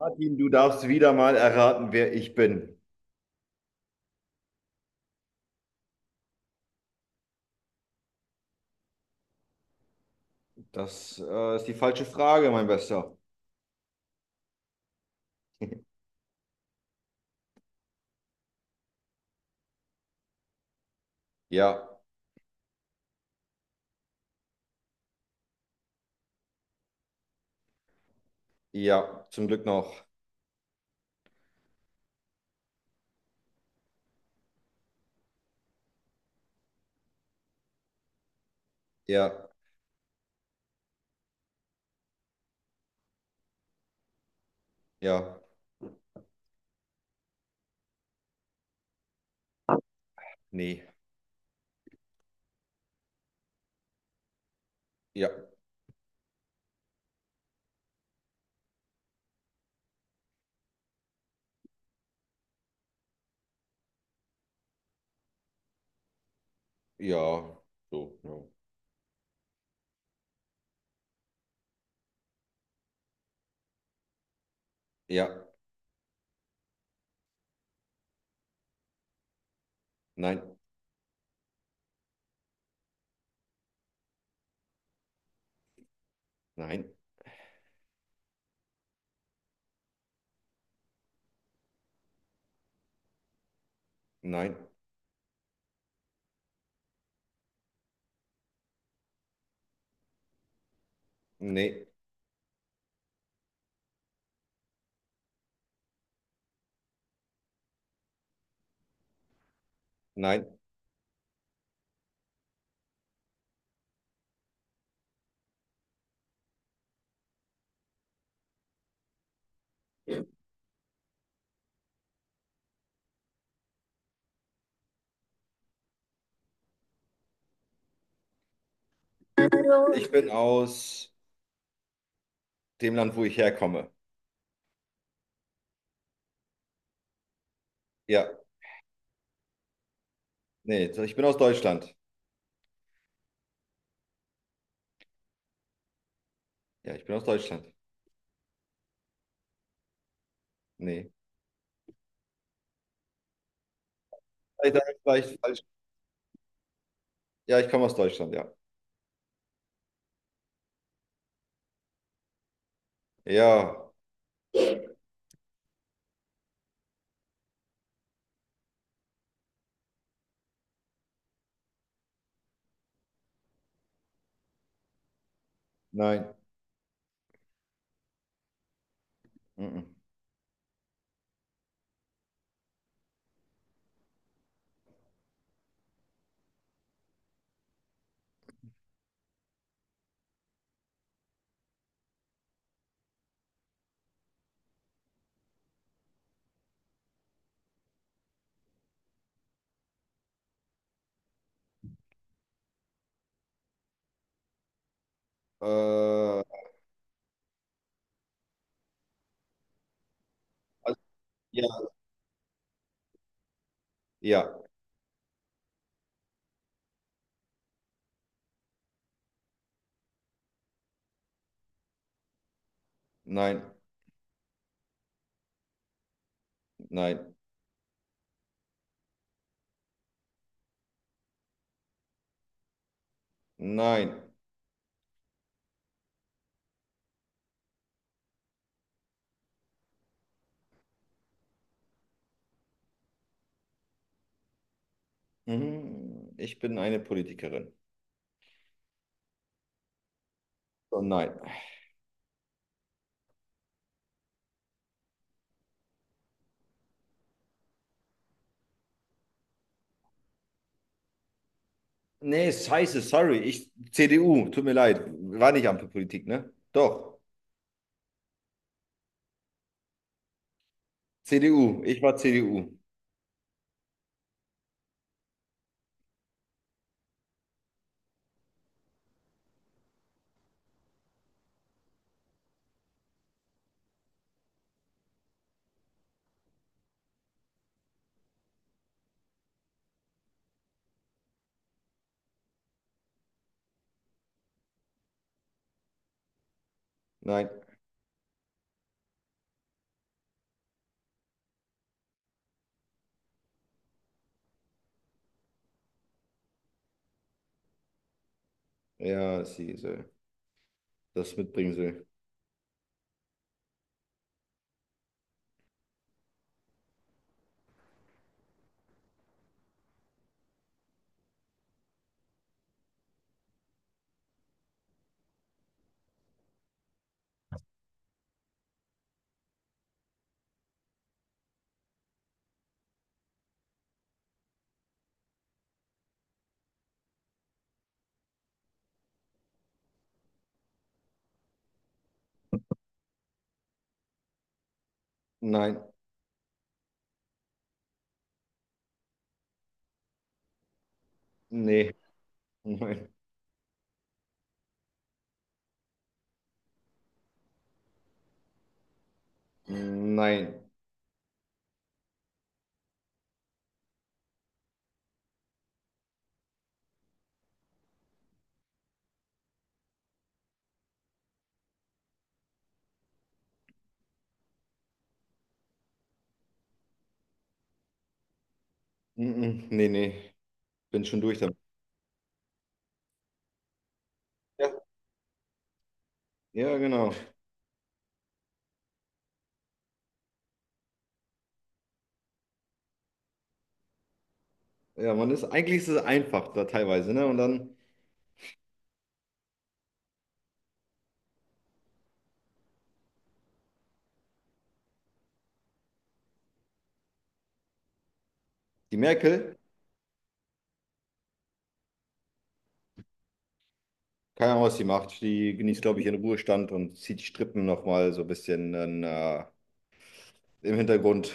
Martin, du darfst wieder mal erraten, wer ich bin. Das ist die falsche Frage, mein Bester. Ja, ja, zum Glück noch. Ja, ja, nee. Ja, ja, so, no. Ja, nein, nein, nein, nee, nein. Ich bin aus dem Land, wo ich herkomme. Ja, nee, so, ich bin aus Deutschland. Ja, ich bin aus Deutschland. Nee. Vielleicht, vielleicht falsch. Ja, ich komme aus Deutschland, ja. Ja, nein. Mhm. Also, ja, ja. Nein, nein, nein. Mhm. Ich bin eine Politikerin. Oh nein. Nee, scheiße, sorry. Ich, CDU, tut mir leid. War nicht Ampel Politik, ne? Doch. CDU. Ich war CDU. Nein. Ja, sie soll das mitbringen soll. Nein. Nee. Nein. Nein. Mhm. Nee, nee. Bin schon durch damit. Ja, ja, genau. Ja, man ist, eigentlich ist es einfach da teilweise, ne? Und dann die Merkel. Keine Ahnung, was die macht. Die genießt, glaube ich, ihren Ruhestand und zieht die Strippen nochmal so ein bisschen dann, im Hintergrund.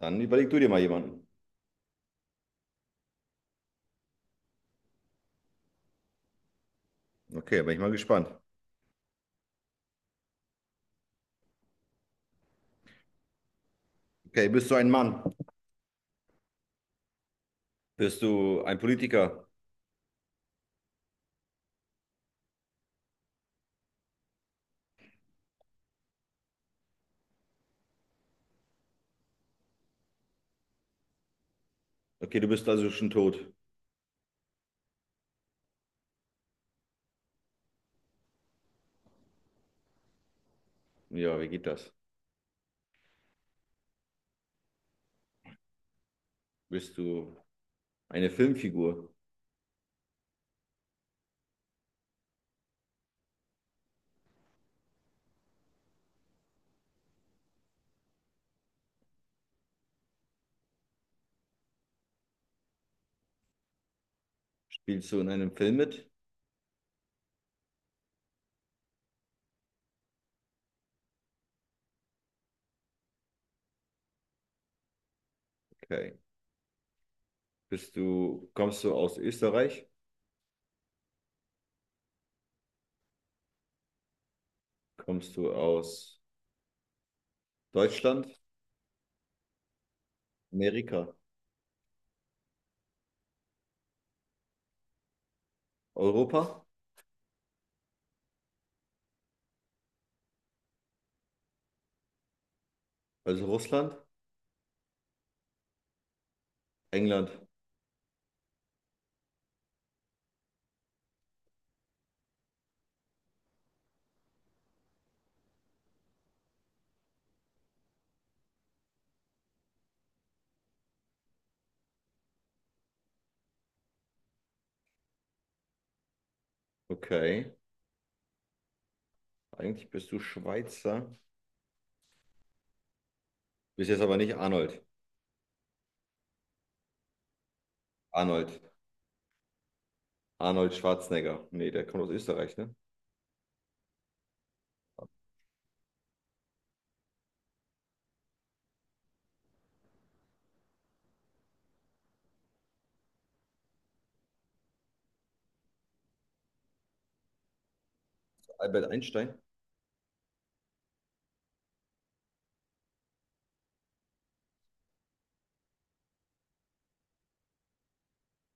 Dann überleg du dir mal jemanden. Okay, bin ich mal gespannt. Okay, bist du ein Mann? Bist du ein Politiker? Okay, du bist also schon tot. Ja, wie geht das? Bist du eine Filmfigur? Spielst du in einem Film mit? Okay. Bist du, kommst du aus Österreich? Kommst du aus Deutschland? Amerika? Europa? Also Russland? England? Okay. Eigentlich bist du Schweizer. Bist jetzt aber nicht Arnold. Arnold. Arnold Schwarzenegger. Nee, der kommt aus Österreich, ne? Albert Einstein.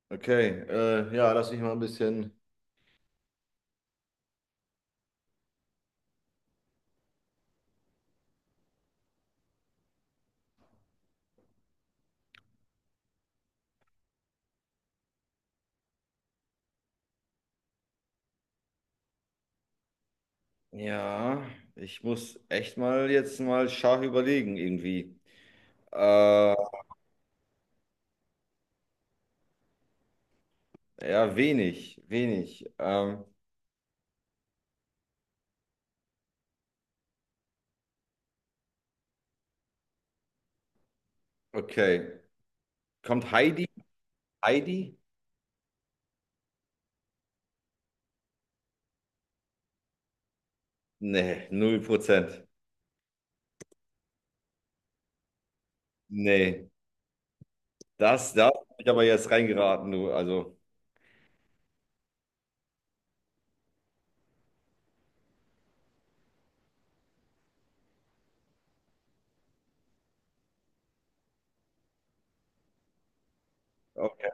Okay, ja, lass mich mal ein bisschen. Ja, ich muss echt mal jetzt mal scharf überlegen, irgendwie. Äh, ja, wenig, wenig. Okay. Kommt Heidi? Heidi? Nee, 0%. Nee. Das, da hab ich aber jetzt reingeraten, du. Also. Oh,